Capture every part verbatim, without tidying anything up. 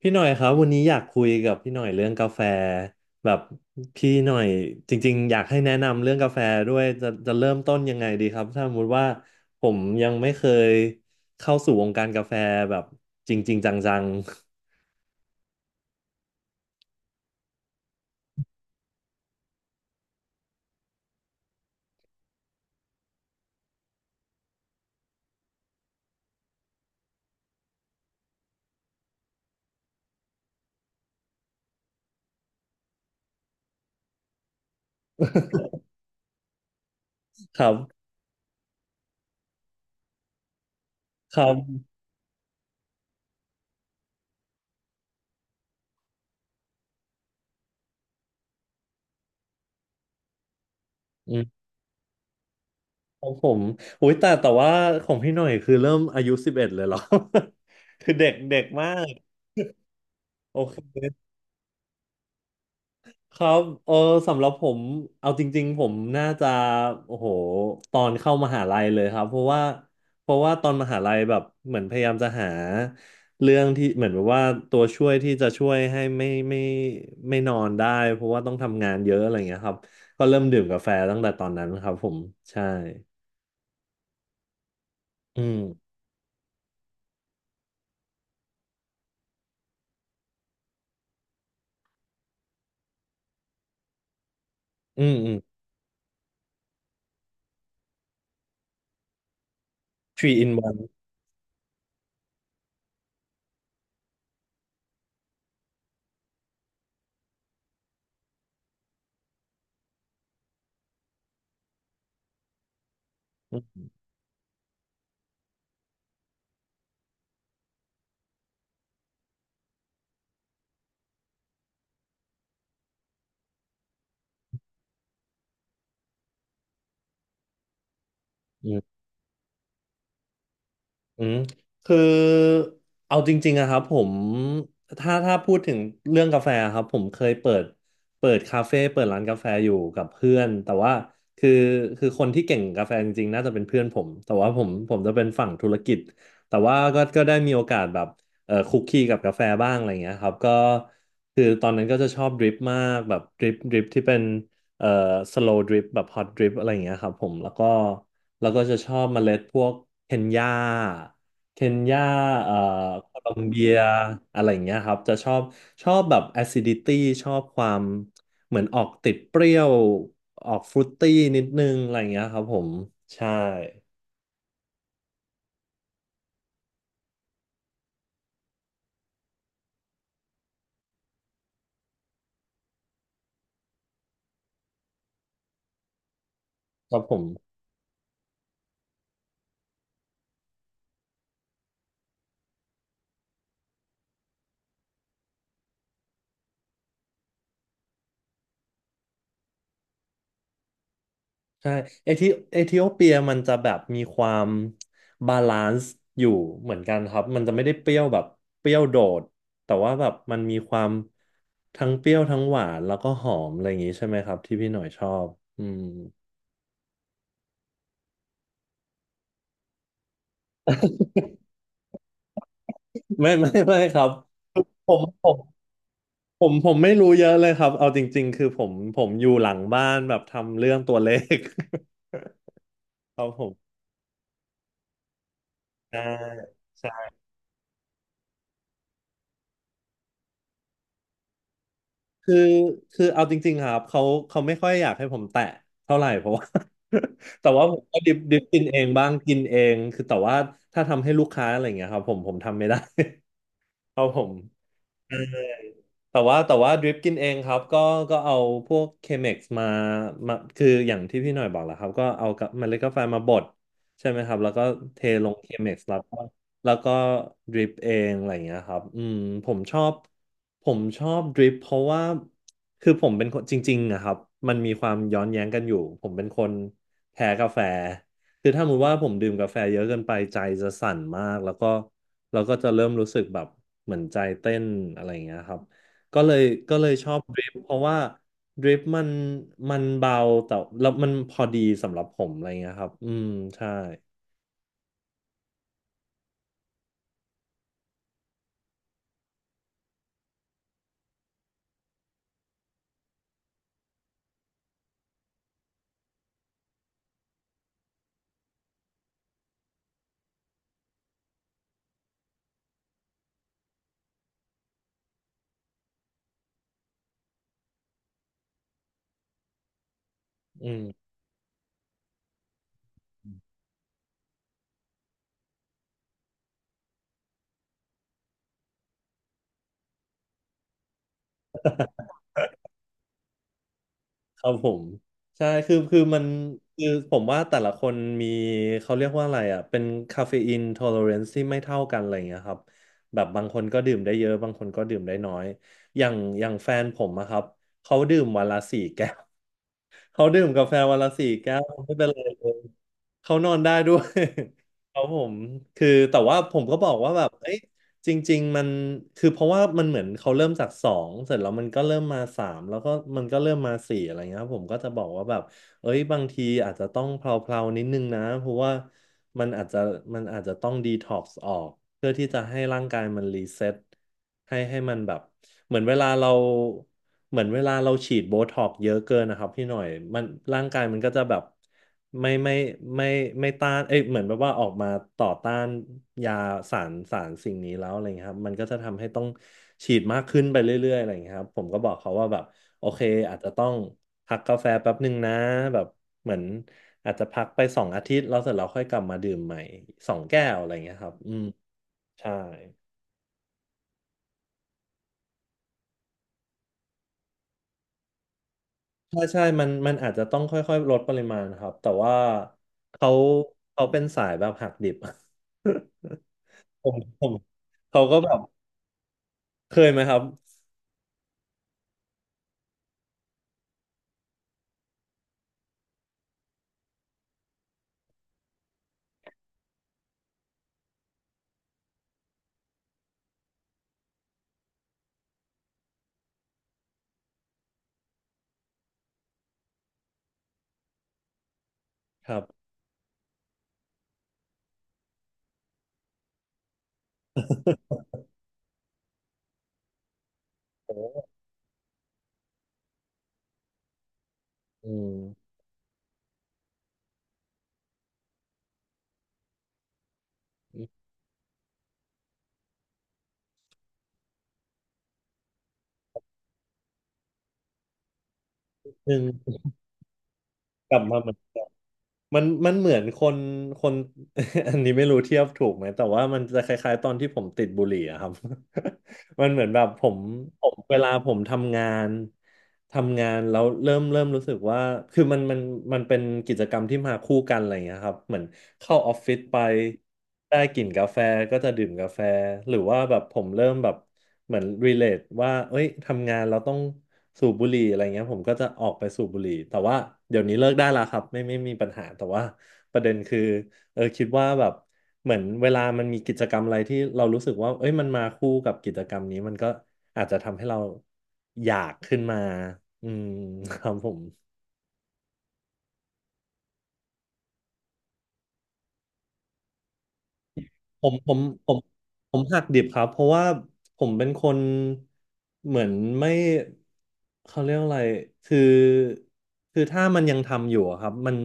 พี่หน่อยครับวันนี้อยากคุยกับพี่หน่อยเรื่องกาแฟแบบพี่หน่อยจริงๆอยากให้แนะนำเรื่องกาแฟด้วยจะจะเริ่มต้นยังไงดีครับถ้าสมมติว่าผมยังไม่เคยเข้าสู่วงการกาแฟแบบจริงๆจังๆ ครับครับอืมของผมอุ้ยแต่แต่ว่าของพี่หน่อยคือเริ่มอายุสิบเอ็ดเลยเหรอ คือเด็กเด็กมากโอเค ครับเออสำหรับผมเอาจริงๆผมน่าจะโอ้โหตอนเข้ามหาลัยเลยครับเพราะว่าเพราะว่าตอนมหาลัยแบบเหมือนพยายามจะหาเรื่องที่เหมือนแบบว่าตัวช่วยที่จะช่วยให้ไม่ไม่ไม่นอนได้เพราะว่าต้องทำงานเยอะอะไรเงี้ยครับก็เริ่มดื่มกาแฟตั้งแต่ตอนนั้นครับผมใช่อืมอืมอืม three in one อืม อืมคือเอาจริงๆอะครับผมถ้าถ้าพูดถึงเรื่องกาแฟครับผมเคยเปิดเปิดคาเฟ่เปิดร้านกาแฟอยู่กับเพื่อนแต่ว่าคือคือคนที่เก่งกาแฟจริงๆน่าจะเป็นเพื่อนผมแต่ว่าผมผมจะเป็นฝั่งธุรกิจแต่ว่าก็ก็ได้มีโอกาสแบบเอ่อคุกคีกับกาแฟบ้างอะไรเงี้ยครับก็คือตอนนั้นก็จะชอบดริปมากแบบดริปดริปที่เป็นเอ่อสโลว์ดริปแบบฮอตดริปอะไรเงี้ยครับผมแล้วก็ แล้วก็จะชอบเมล็ดพวกเคนยาเคนยาเอ่อโคลอมเบียอะไรอย่างเงี้ยครับ จะชอบ ชอบแบบ acidity ชอบความเหมือนออกติดเปรี้ยว ออกฟรุตตี้นิดนึงอะไรอย่างเงี้ยครับผม ใช่ครับผม ใช่เอธิเอธิโอเปียมันจะแบบมีความบาลานซ์อยู่เหมือนกันครับมันจะไม่ได้เปรี้ยวแบบเปรี้ยวโดดแต่ว่าแบบมันมีความทั้งเปรี้ยวทั้งหวานแล้วก็หอมอะไรอย่างนี้ใช่ไหมครับที่พี่หน่อยชอบอืมไม่ ไม่ไม่ครับผมผมผมผมไม่รู้เยอะเลยครับเอาจริงๆคือผมผมอยู่หลังบ้านแบบทำเรื่องตัวเลข ครับผมใช่ คือคือเอาจริงๆครับเขาเขาไม่ค่อยอยากให้ผมแตะเท่าไหร่ เพราะว่า แต่ว่าผมก็ดิบดิบกินเองบ้างกินเองคือแต่ว่าถ้าทำให้ลูกค้าอะไรอย่างเงี้ยครับผมผมทำไม่ได้ เพราะผม แต่ว่าแต่ว่าดริปกินเองครับก็ก็เอาพวกเคม็กซ์มามาคืออย่างที่พี่หน่อยบอกแหละครับก็เอากับเมล็ดกาแฟมาบดใช่ไหมครับแล้วก็เทลงเคม็กซ์แล้วก็แล้วก็ดริปเองอะไรอย่างเงี้ยครับอืมผมชอบผมชอบดริปเพราะว่าคือผมเป็นคนจริงๆนะครับมันมีความย้อนแย้งกันอยู่ผมเป็นคนแพ้กาแฟคือถ้าสมมติว่าผมดื่มกาแฟเยอะเกินไปใจจะสั่นมากแล้วก็แล้วก็จะเริ่มรู้สึกแบบเหมือนใจเต้นอะไรอย่างเงี้ยครับ ก็เลยก็เลยชอบดริฟเพราะว่าดริฟมันมันเบาแต่แล้วมันพอดีสำหรับผมอะไรเงี้ยครับอืมใช่อืมครับผมใช่คือคือมันคือผมว่าแต่ละคนมีเขาเรียกว่าอะไรอ่ะเป็นคาเฟอีน o l ล r เรนซ์ที่ไม่เท่ากันอะไรอย่างเงี้ยครับแบบบางคนก็ดื่มได้เยอะบางคนก็ดื่มได้น้อยอย่างอย่างแฟนผมอะครับเขาดื่มวันละสี่แก้ว เขาดื่มกาแฟวันละสี่แก้วไม่เป็นไรเลยเขานอนได้ด้วย เขาผมคือแต่ว่าผมก็บอกว่าแบบเอ้ยจริงๆมันคือเพราะว่ามันเหมือนเขาเริ่มจากสองเสร็จแล้วมันก็เริ่มมาสามแล้วก็มันก็เริ่มมาสี่อะไรเงี้ยครับผมก็จะบอกว่าแบบ เอ้ยบางทีอาจจะต้องเพลาๆนิดนึงนะเพราะว่ามันอาจจะมันอาจจะต้องดีท็อกซ์ออกเพื่อที่จะให้ร่างกายมันรีเซ็ตให้ให้มันแบบเหมือนเวลาเราเหมือนเวลาเราฉีดโบท็อกซ์เยอะเกินนะครับพี่หน่อยมันร่างกายมันก็จะแบบไม่ไม่ไม่ไม่ต้านเอ้ยเหมือนแบบว่าออกมาต่อต้านยาสารสารสิ่งนี้แล้วอะไรเงี้ยครับมันก็จะทำให้ต้องฉีดมากขึ้นไปเรื่อยๆอะไรเงี้ยครับผมก็บอกเขาว่าแบบ โอเคอาจจะต้องพักกาแฟแป๊บหนึ่งนะแบบเหมือนอาจจะพักไปสองอาทิตย์แล้วเสร็จเราค่อยกลับมาดื่มใหม่สองแก้วอะไรเงี้ยครับอืมใช่ใช่ใช่มันมันอาจจะต้องค่อยๆลดปริมาณครับแต่ว่าเขาเขาเป็นสายแบบหักดิบ ผมผมเขาก็แบบเคยไหมครับครับ โอ้อืมนนึงกลับมาเหมือน มันมันเหมือนคนคน อันนี้ไม่รู้เทียบถูกไหมแต่ว่ามันจะคล้ายๆตอนที่ผมติดบุหรี่อะครับ มันเหมือนแบบผมผมเวลาผมทำงาน ทำงานแล้วเริ่มเริ่มรู้สึกว่าคือมันมันมันเป็นกิจกรรมที่มาคู่กันอะไรอย่างเงี้ยครับเหมือนเข้าออฟฟิศไปได้กลิ่นกาแฟก็จะดื่มกาแฟหรือว่าแบบผมเริ่มแบบเหมือนรีเลทว่าเอ้ยทำงานเราต้องสูบบุหรี่อะไรเงี้ยผมก็จะออกไปสูบบุหรี่แต่ว่าเดี๋ยวนี้เลิกได้แล้วครับไม่ไม่มีปัญหาแต่ว่าประเด็นคือ เออคิดว่าแบบเหมือนเวลามันมีกิจกรรมอะไรที่เรารู้สึกว่าเอ้ยมันมาคู่กับกิจกรรมนี้มันก็อาจจะทำให้เราอยากขึ้นมาอืม ครับผม ผมผมผมผมหักดิบครับเพราะว่าผมเป็นคนเหมือนไม่เขาเรียกอะไรคือคือถ้ามันยังทำอยู่อะครับมัน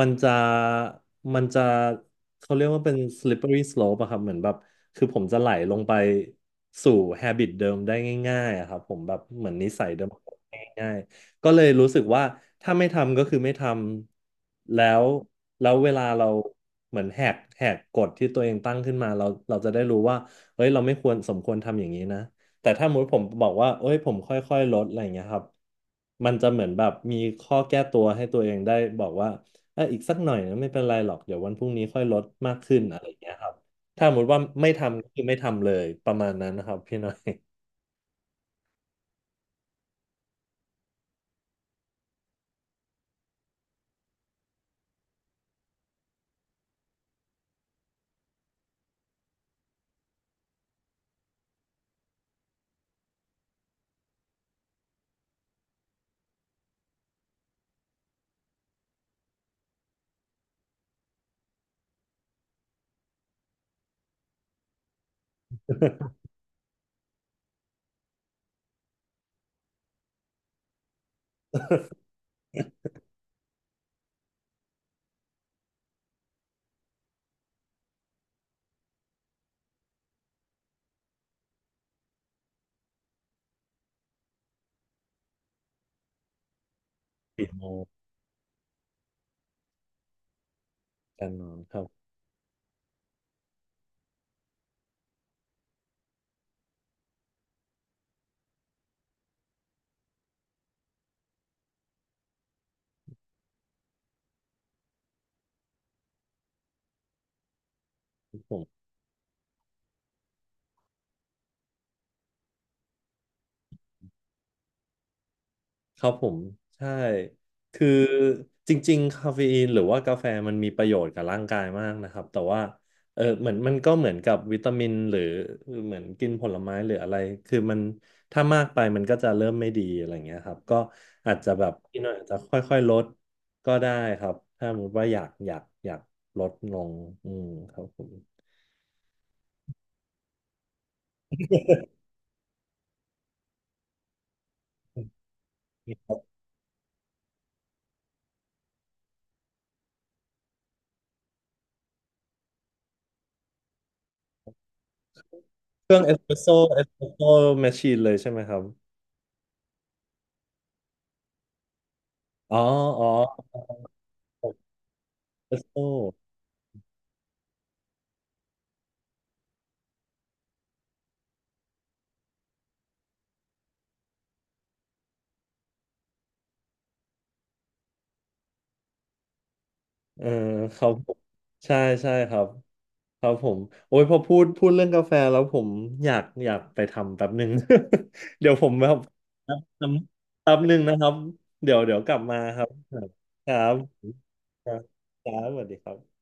มันจะมันจะเขาเรียกว่าเป็น slippery slope อะครับเหมือนแบบคือผมจะไหลลงไปสู่ habit เดิมได้ง่ายๆอะครับผมแบบเหมือนนิสัยเดิมง่าย ก็เลยรู้สึกว่าถ้าไม่ทำก็คือไม่ทำแล้วแล้วเวลาเราเหมือนแหกแหกกฎที่ตัวเองตั้งขึ้นมาเราเราจะได้รู้ว่าเฮ้ยเราไม่ควรสมควรทำอย่างนี้นะแต่ถ้าสมมติผมบอกว่าเอ้ยผมค่อยๆลดอะไรอย่างเงี้ยครับมันจะเหมือนแบบมีข้อแก้ตัวให้ตัวเองได้บอกว่าเอออีกสักหน่อยนะไม่เป็นไรหรอกเดี๋ยววันพรุ่งนี้ค่อยลดมากขึ้นอะไรอย่างเงี้ยครับถ้าสมมติว่าไม่ทำก็คือไม่ทำเลยประมาณนั้นนะครับพี่น้อย ปิดโมงการนอนครับผม ครับผมใช่คือจริงๆคาเฟอีนหรือว่ากาแฟมันมีประโยชน์กับร่างกายมากนะครับแต่ว่าเออเหมือนมันก็เหมือนกับวิตามินหรือเหมือนกินผลไม้หรืออะไรคือมันถ้ามากไปมันก็จะเริ่มไม่ดีอะไรเงี้ยครับก็อาจจะแบบพี่หน่อยอาจจะค่อยๆลดก็ได้ครับถ้าสมมติว่าอยากอยากอยากลดลงอืมครับผมเครื่องเอสเปรสโซ่เอสเปรสโซ่แมชชีนเลยใช่ไหมครับอ๋ออ๋อเอสเปรสโซ่ เออครับผมใช่ใช่ครับครับผมโอ้ยพอพูดพูดเรื่องกาแฟแล้วผมอยากอยากไปทำแป๊บหนึ่ง เดี๋ยวผมแบบทำแป๊บหนึ่งนะครับเดี๋ยวเดี๋ยวกลับมาครับครับครับครับสวัสดีครับ